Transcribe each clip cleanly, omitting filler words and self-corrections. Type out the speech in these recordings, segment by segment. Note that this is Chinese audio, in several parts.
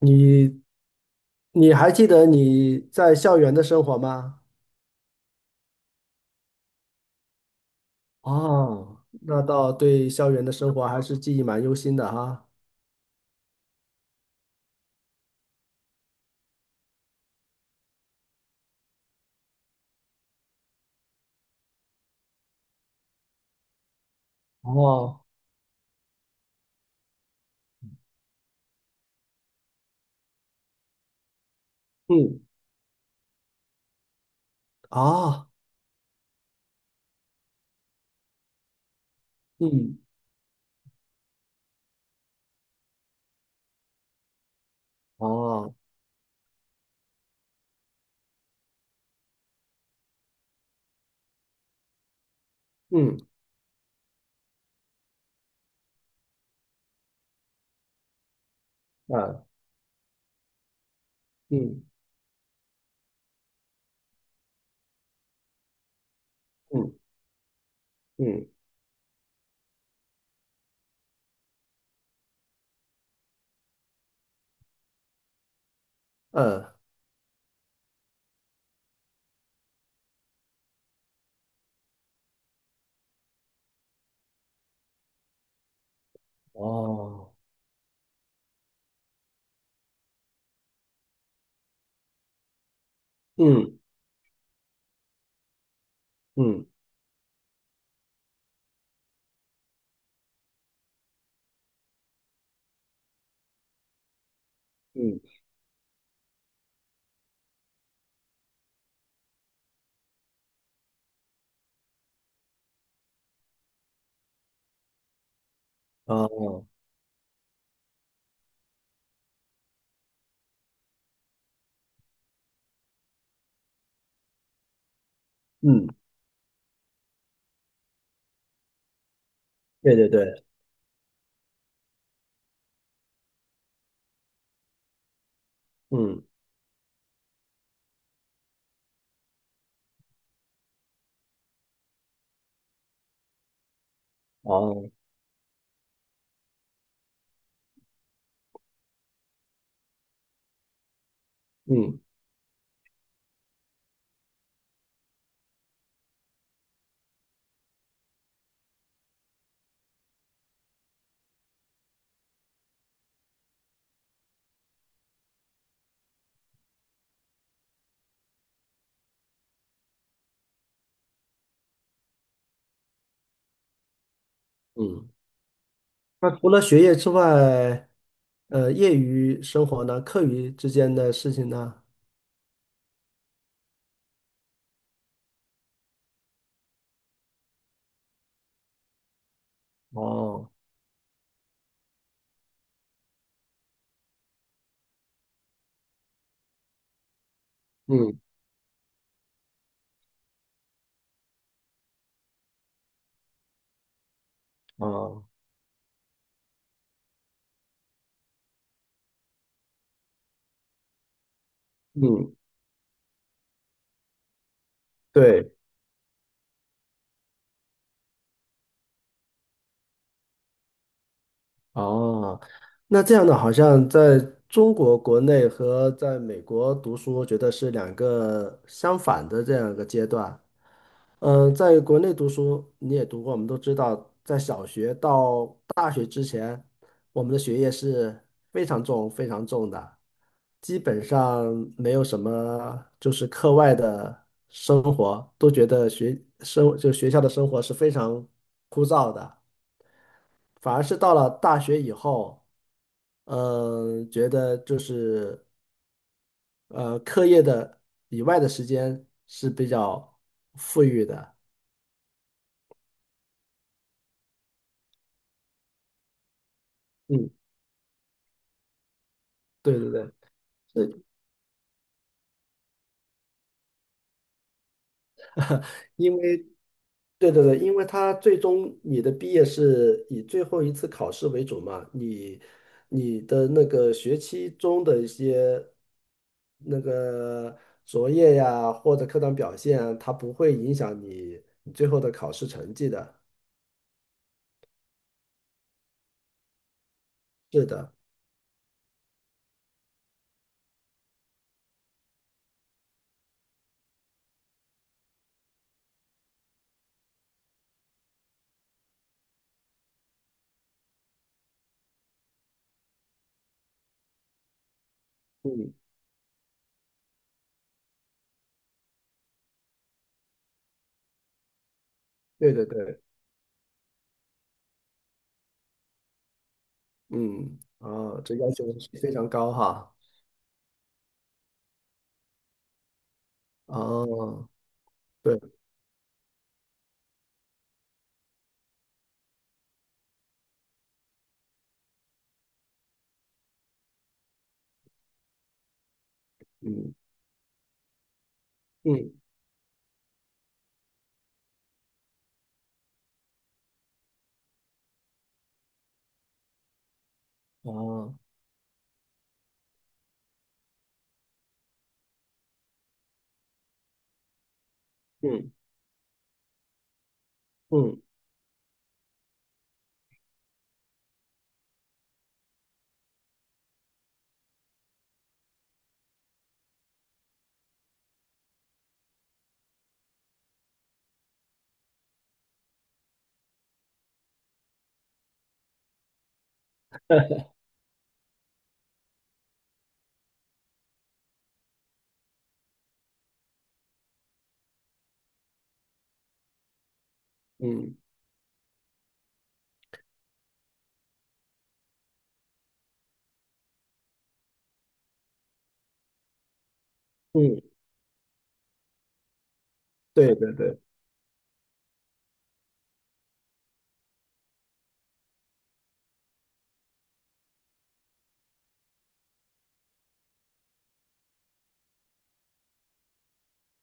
你你还记得你在校园的生活吗？哦，那倒对，校园的生活还是记忆蛮忧心的哈。哦，嗯，啊，嗯，哦，嗯，嗯嗯嗯，嗯，呃，哦，嗯，嗯，嗯哦嗯嗯嗯嗯嗯哦嗯嗯嗯哦嗯，对对对，嗯，哦，嗯，嗯。那除了学业之外，业余生活呢，课余之间的事情呢？哦。嗯。哦，嗯，对，哦，那这样的好像在中国国内和在美国读书，我觉得是两个相反的这样一个阶段。嗯，在国内读书，你也读过，我们都知道，在小学到大学之前，我们的学业是非常重、非常重的，基本上没有什么就是课外的生活，都觉得学生就学校的生活是非常枯燥的。反而是到了大学以后，觉得就是课业的以外的时间是比较富裕的。嗯，对对对，是因为对对对，因为他最终你的毕业是以最后一次考试为主嘛，你的那个学期中的一些那个作业呀，或者课堂表现啊，它不会影响你最后的考试成绩的。是的。嗯，对对对，嗯，啊，这要求是非常高哈，哦，对，嗯嗯，啊，嗯嗯嗯嗯，对对对，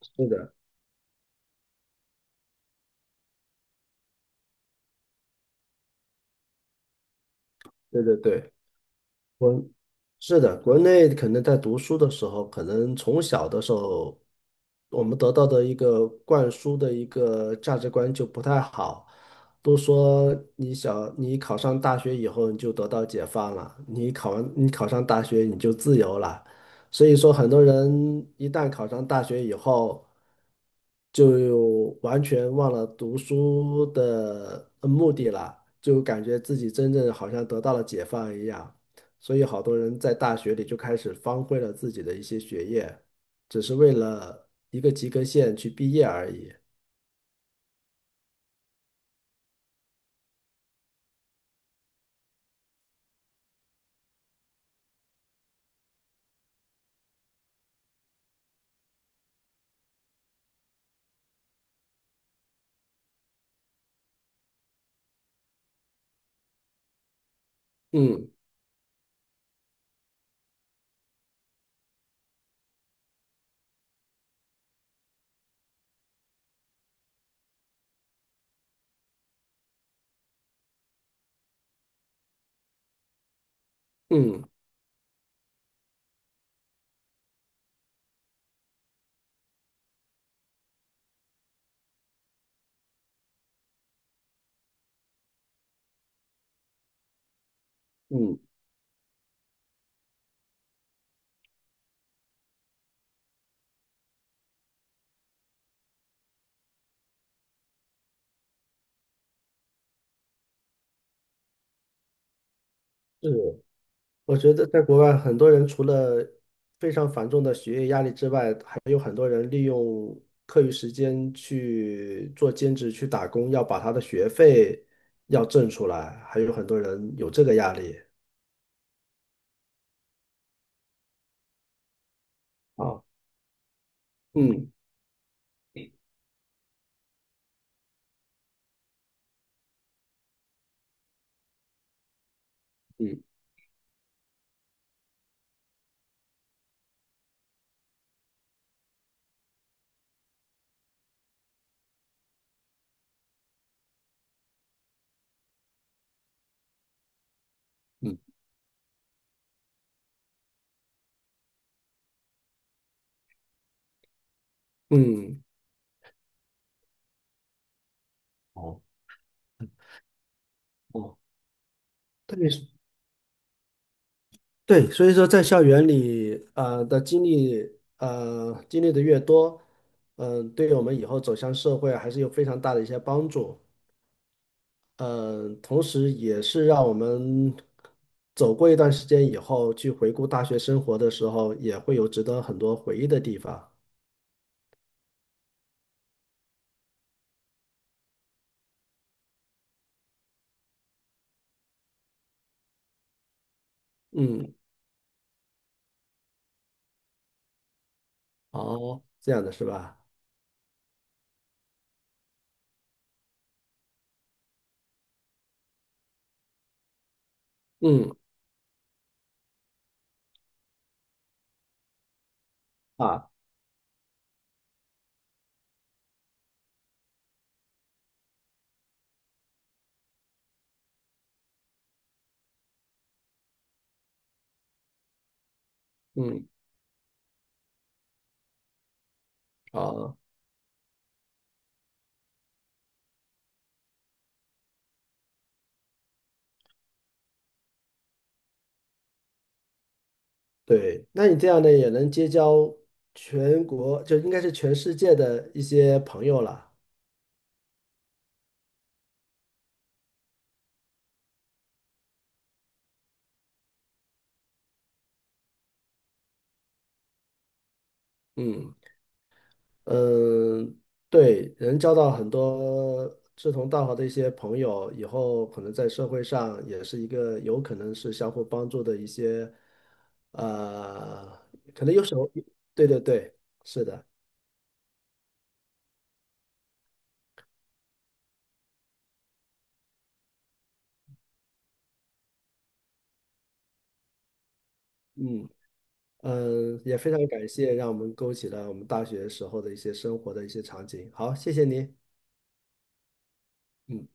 是的，对对对，国是的，国内可能在读书的时候，可能从小的时候，我们得到的一个灌输的一个价值观就不太好，都说你考上大学以后你就得到解放了，你考上大学你就自由了，所以说很多人一旦考上大学以后，就完全忘了读书的目的了，就感觉自己真正好像得到了解放一样。所以好多人在大学里就开始荒废了自己的一些学业，只是为了一个及格线去毕业而已。嗯嗯嗯，是，我觉得在国外，很多人除了非常繁重的学业压力之外，还有很多人利用课余时间去做兼职、去打工，要把他的学费要挣出来，还有很多人有这个压力。啊，嗯嗯嗯嗯，哦哦，特别是。对，所以说在校园里，的经历，经历的越多，嗯，对于我们以后走向社会还是有非常大的一些帮助。嗯，同时也是让我们走过一段时间以后，去回顾大学生活的时候，也会有值得很多回忆的地方。嗯，哦，这样的是吧？嗯啊，嗯，哦，对，那你这样呢，也能结交全国，就应该是全世界的一些朋友了。嗯。嗯，对，能交到很多志同道合的一些朋友，以后可能在社会上也是一个有可能是相互帮助的一些，呃，可能有时候，对对对，是的，嗯嗯，也非常感谢让我们勾起了我们大学时候的一些生活的一些场景。好，谢谢你，嗯。